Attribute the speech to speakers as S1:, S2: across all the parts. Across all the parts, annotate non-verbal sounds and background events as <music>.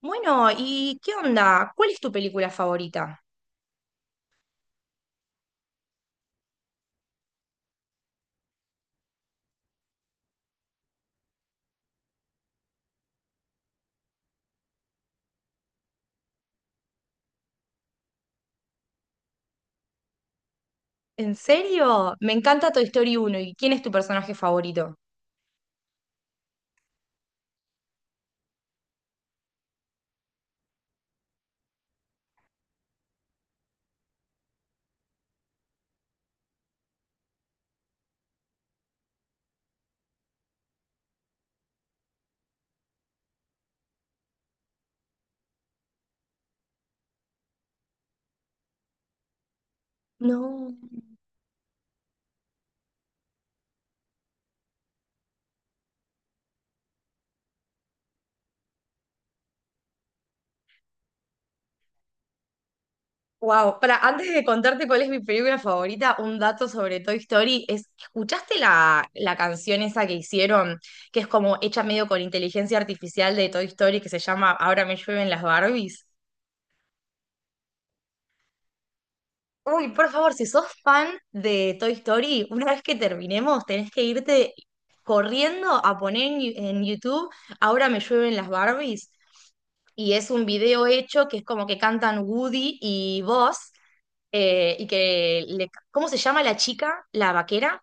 S1: Bueno, ¿y qué onda? ¿Cuál es tu película favorita? ¿En serio? Me encanta Toy Story uno. ¿Y quién es tu personaje favorito? No. Wow, para antes de contarte cuál es mi película favorita, un dato sobre Toy Story es, ¿escuchaste la canción esa que hicieron, que es como hecha medio con inteligencia artificial de Toy Story, que se llama Ahora me llueven las Barbies? Uy, por favor, si sos fan de Toy Story, una vez que terminemos, tenés que irte corriendo a poner en, en YouTube Ahora me llueven las Barbies. Y es un video hecho que es como que cantan Woody y Buzz. Y que le, ¿cómo se llama la chica? La vaquera.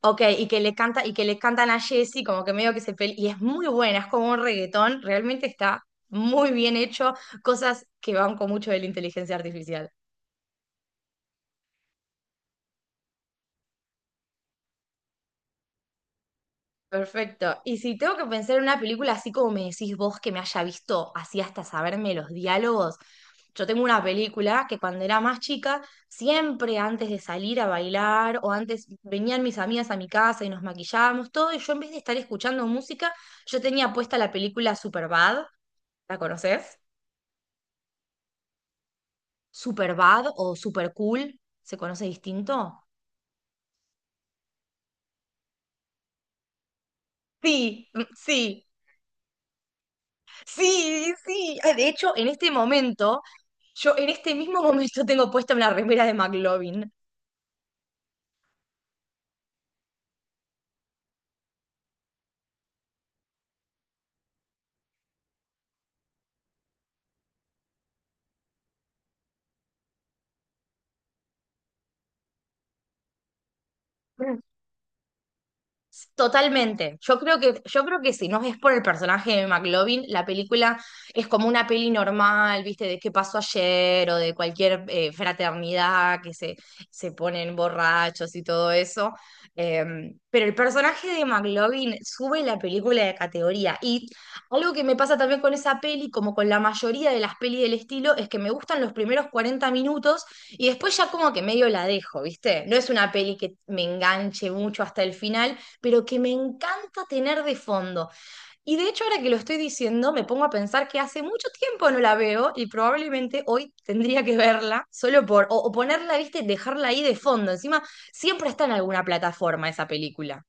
S1: Ok, y que le canta, y que le cantan a Jessie, como que medio que se pelea. Y es muy buena, es como un reggaetón, realmente está muy bien hecho, cosas que van con mucho de la inteligencia artificial. Perfecto. Y si tengo que pensar en una película así como me decís vos que me haya visto así hasta saberme los diálogos, yo tengo una película que cuando era más chica, siempre antes de salir a bailar o antes venían mis amigas a mi casa y nos maquillábamos todo y yo en vez de estar escuchando música, yo tenía puesta la película Superbad, ¿la conoces? Superbad o Super Cool, ¿se conoce distinto? Sí, mm, sí. Sí, sí. Ah, de hecho, en este momento, yo en este mismo momento tengo puesta una remera de McLovin. Totalmente. Yo creo que si no es por el personaje de McLovin, la película es como una peli normal, ¿viste? De qué pasó ayer o de cualquier fraternidad que se ponen borrachos y todo eso. Eh, pero el personaje de McLovin sube la película de categoría. Y algo que me pasa también con esa peli, como con la mayoría de las pelis del estilo, es que me gustan los primeros 40 minutos y después ya como que medio la dejo, ¿viste? No es una peli que me enganche mucho hasta el final pero que me encanta tener de fondo. Y de hecho, ahora que lo estoy diciendo, me pongo a pensar que hace mucho tiempo no la veo y probablemente hoy tendría que verla solo por, o ponerla, viste, dejarla ahí de fondo. Encima, siempre está en alguna plataforma esa película.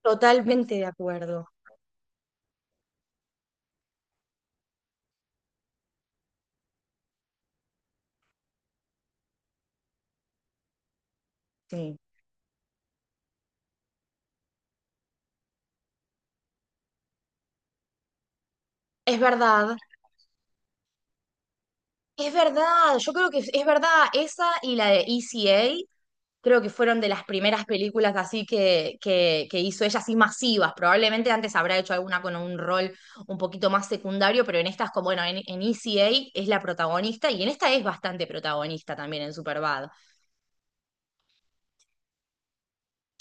S1: Totalmente de acuerdo. Sí. Es verdad, es verdad. Yo creo que es verdad esa y la de ECA creo que fueron de las primeras películas así que hizo ella, así masivas. Probablemente antes habrá hecho alguna con un rol un poquito más secundario, pero en estas, como bueno, en ECA es la protagonista y en esta es bastante protagonista también en Superbad.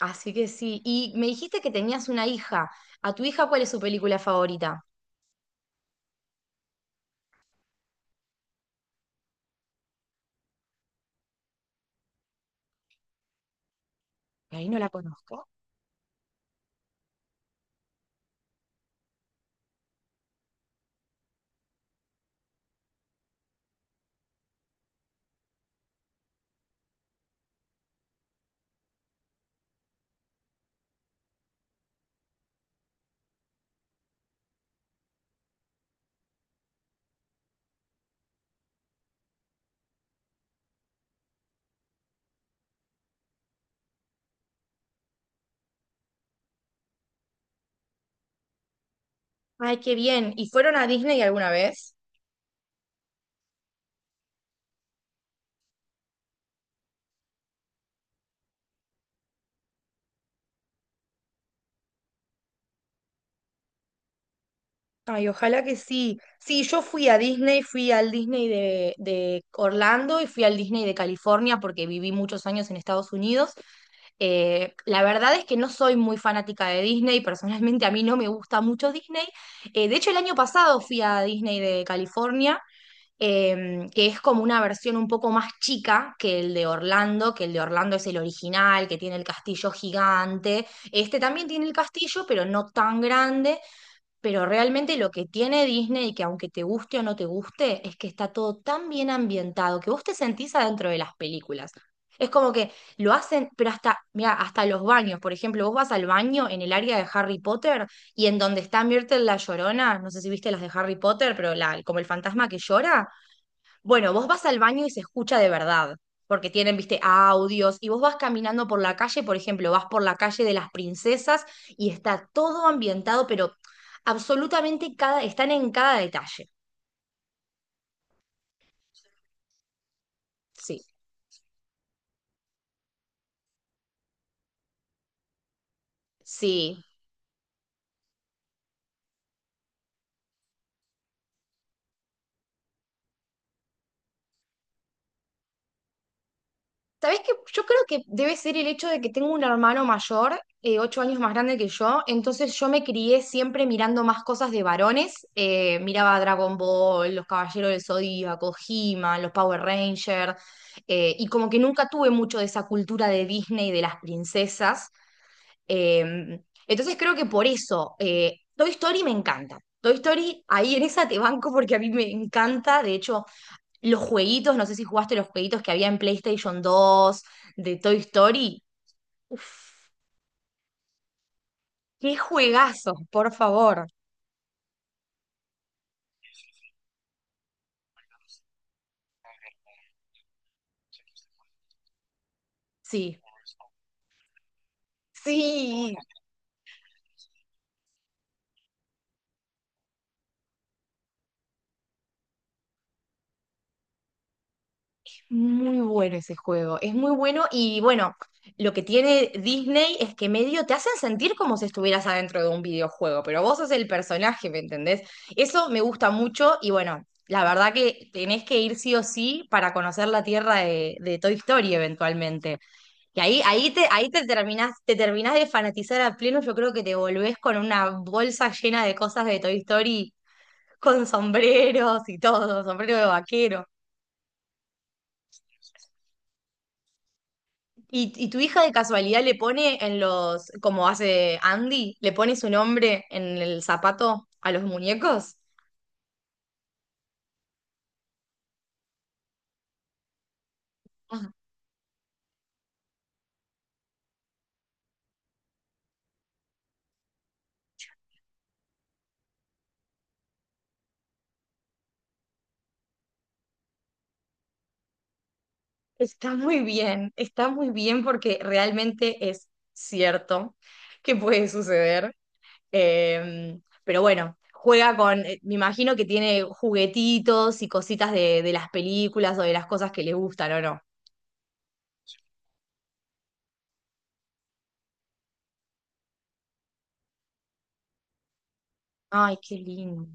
S1: Así que sí, y me dijiste que tenías una hija. ¿A tu hija cuál es su película favorita? Ahí no la conozco. Ay, qué bien. ¿Y fueron a Disney alguna vez? Ay, ojalá que sí. Sí, yo fui a Disney, fui al Disney de Orlando y fui al Disney de California porque viví muchos años en Estados Unidos. La verdad es que no soy muy fanática de Disney, personalmente a mí no me gusta mucho Disney. De hecho, el año pasado fui a Disney de California, que es como una versión un poco más chica que el de Orlando, que el de Orlando es el original, que tiene el castillo gigante. Este también tiene el castillo, pero no tan grande. Pero realmente lo que tiene Disney, y que aunque te guste o no te guste, es que está todo tan bien ambientado que vos te sentís adentro de las películas. Es como que lo hacen, pero hasta, mira, hasta los baños. Por ejemplo, vos vas al baño en el área de Harry Potter y en donde está Myrtle la Llorona, no sé si viste las de Harry Potter, pero la, como el fantasma que llora, bueno, vos vas al baño y se escucha de verdad, porque tienen, viste, audios, y vos vas caminando por la calle, por ejemplo, vas por la calle de las princesas y está todo ambientado, pero absolutamente cada, están en cada detalle. Sí, sí. ¿Sabés qué? Yo creo que debe ser el hecho de que tengo un hermano mayor, ocho años más grande que yo, entonces yo me crié siempre mirando más cosas de varones. Miraba Dragon Ball, Los Caballeros del Zodíaco, He-Man, los Power Rangers, y como que nunca tuve mucho de esa cultura de Disney, de las princesas. eh, entonces creo que por eso, Toy Story me encanta. Toy Story, ahí en esa te banco porque a mí me encanta, de hecho... Los jueguitos, no sé si jugaste los jueguitos que había en PlayStation dos de Toy Story. Uf, qué juegazos, por favor. Sí, sí. Muy bueno ese juego, es muy bueno y bueno, lo que tiene Disney es que medio te hacen sentir como si estuvieras adentro de un videojuego, pero vos sos el personaje, ¿me entendés? Eso me gusta mucho y bueno, la verdad que tenés que ir sí o sí para conocer la tierra de Toy Story eventualmente. Y ahí te terminás de fanatizar a pleno, yo creo que te volvés con una bolsa llena de cosas de Toy Story, con sombreros y todo, sombrero de vaquero. ¿Y tu hija de casualidad le pone en los, como hace Andy, le pone su nombre en el zapato a los muñecos? Ah, está muy bien, está muy bien porque realmente es cierto que puede suceder. Pero bueno, juega con, me imagino que tiene juguetitos y cositas de las películas o de las cosas que le gustan, ¿o no? Ay, qué lindo.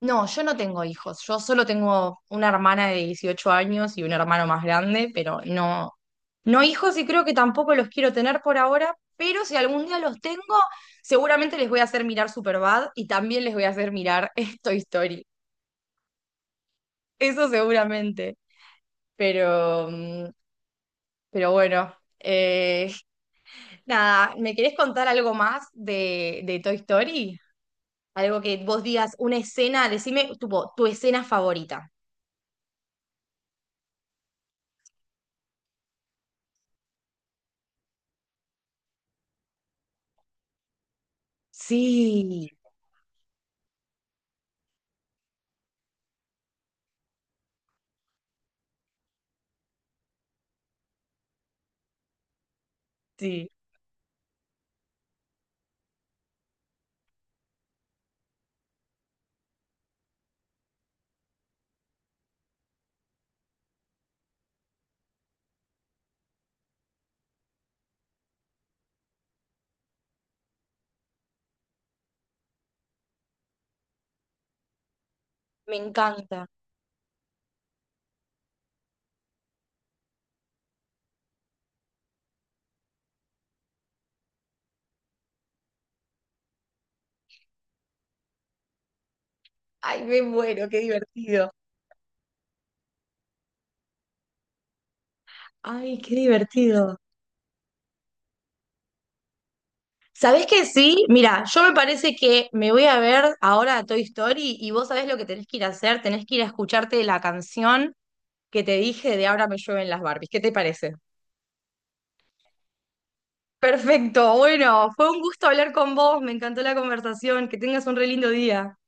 S1: No, yo no tengo hijos. Yo solo tengo una hermana de 18 años y un hermano más grande, pero no, no hijos y creo que tampoco los quiero tener por ahora, pero si algún día los tengo, seguramente les voy a hacer mirar Superbad y también les voy a hacer mirar <laughs> Toy Story. Eso seguramente. Pero, mm, pero bueno, <laughs> nada, ¿me querés contar algo más de Toy Story? Algo que vos digas, una escena, decime tipo, tu escena favorita. Sí, sí. Me encanta. Ay, me muero, qué divertido. Ay, qué divertido. ¿Sabés que sí? Mira, yo me parece que me voy a ver ahora a Toy Story y vos sabés lo que tenés que ir a hacer, tenés que ir a escucharte la canción que te dije de Ahora me llueven las Barbies. ¿Qué te parece? Perfecto, bueno, fue un gusto hablar con vos, me encantó la conversación, que tengas un re lindo día.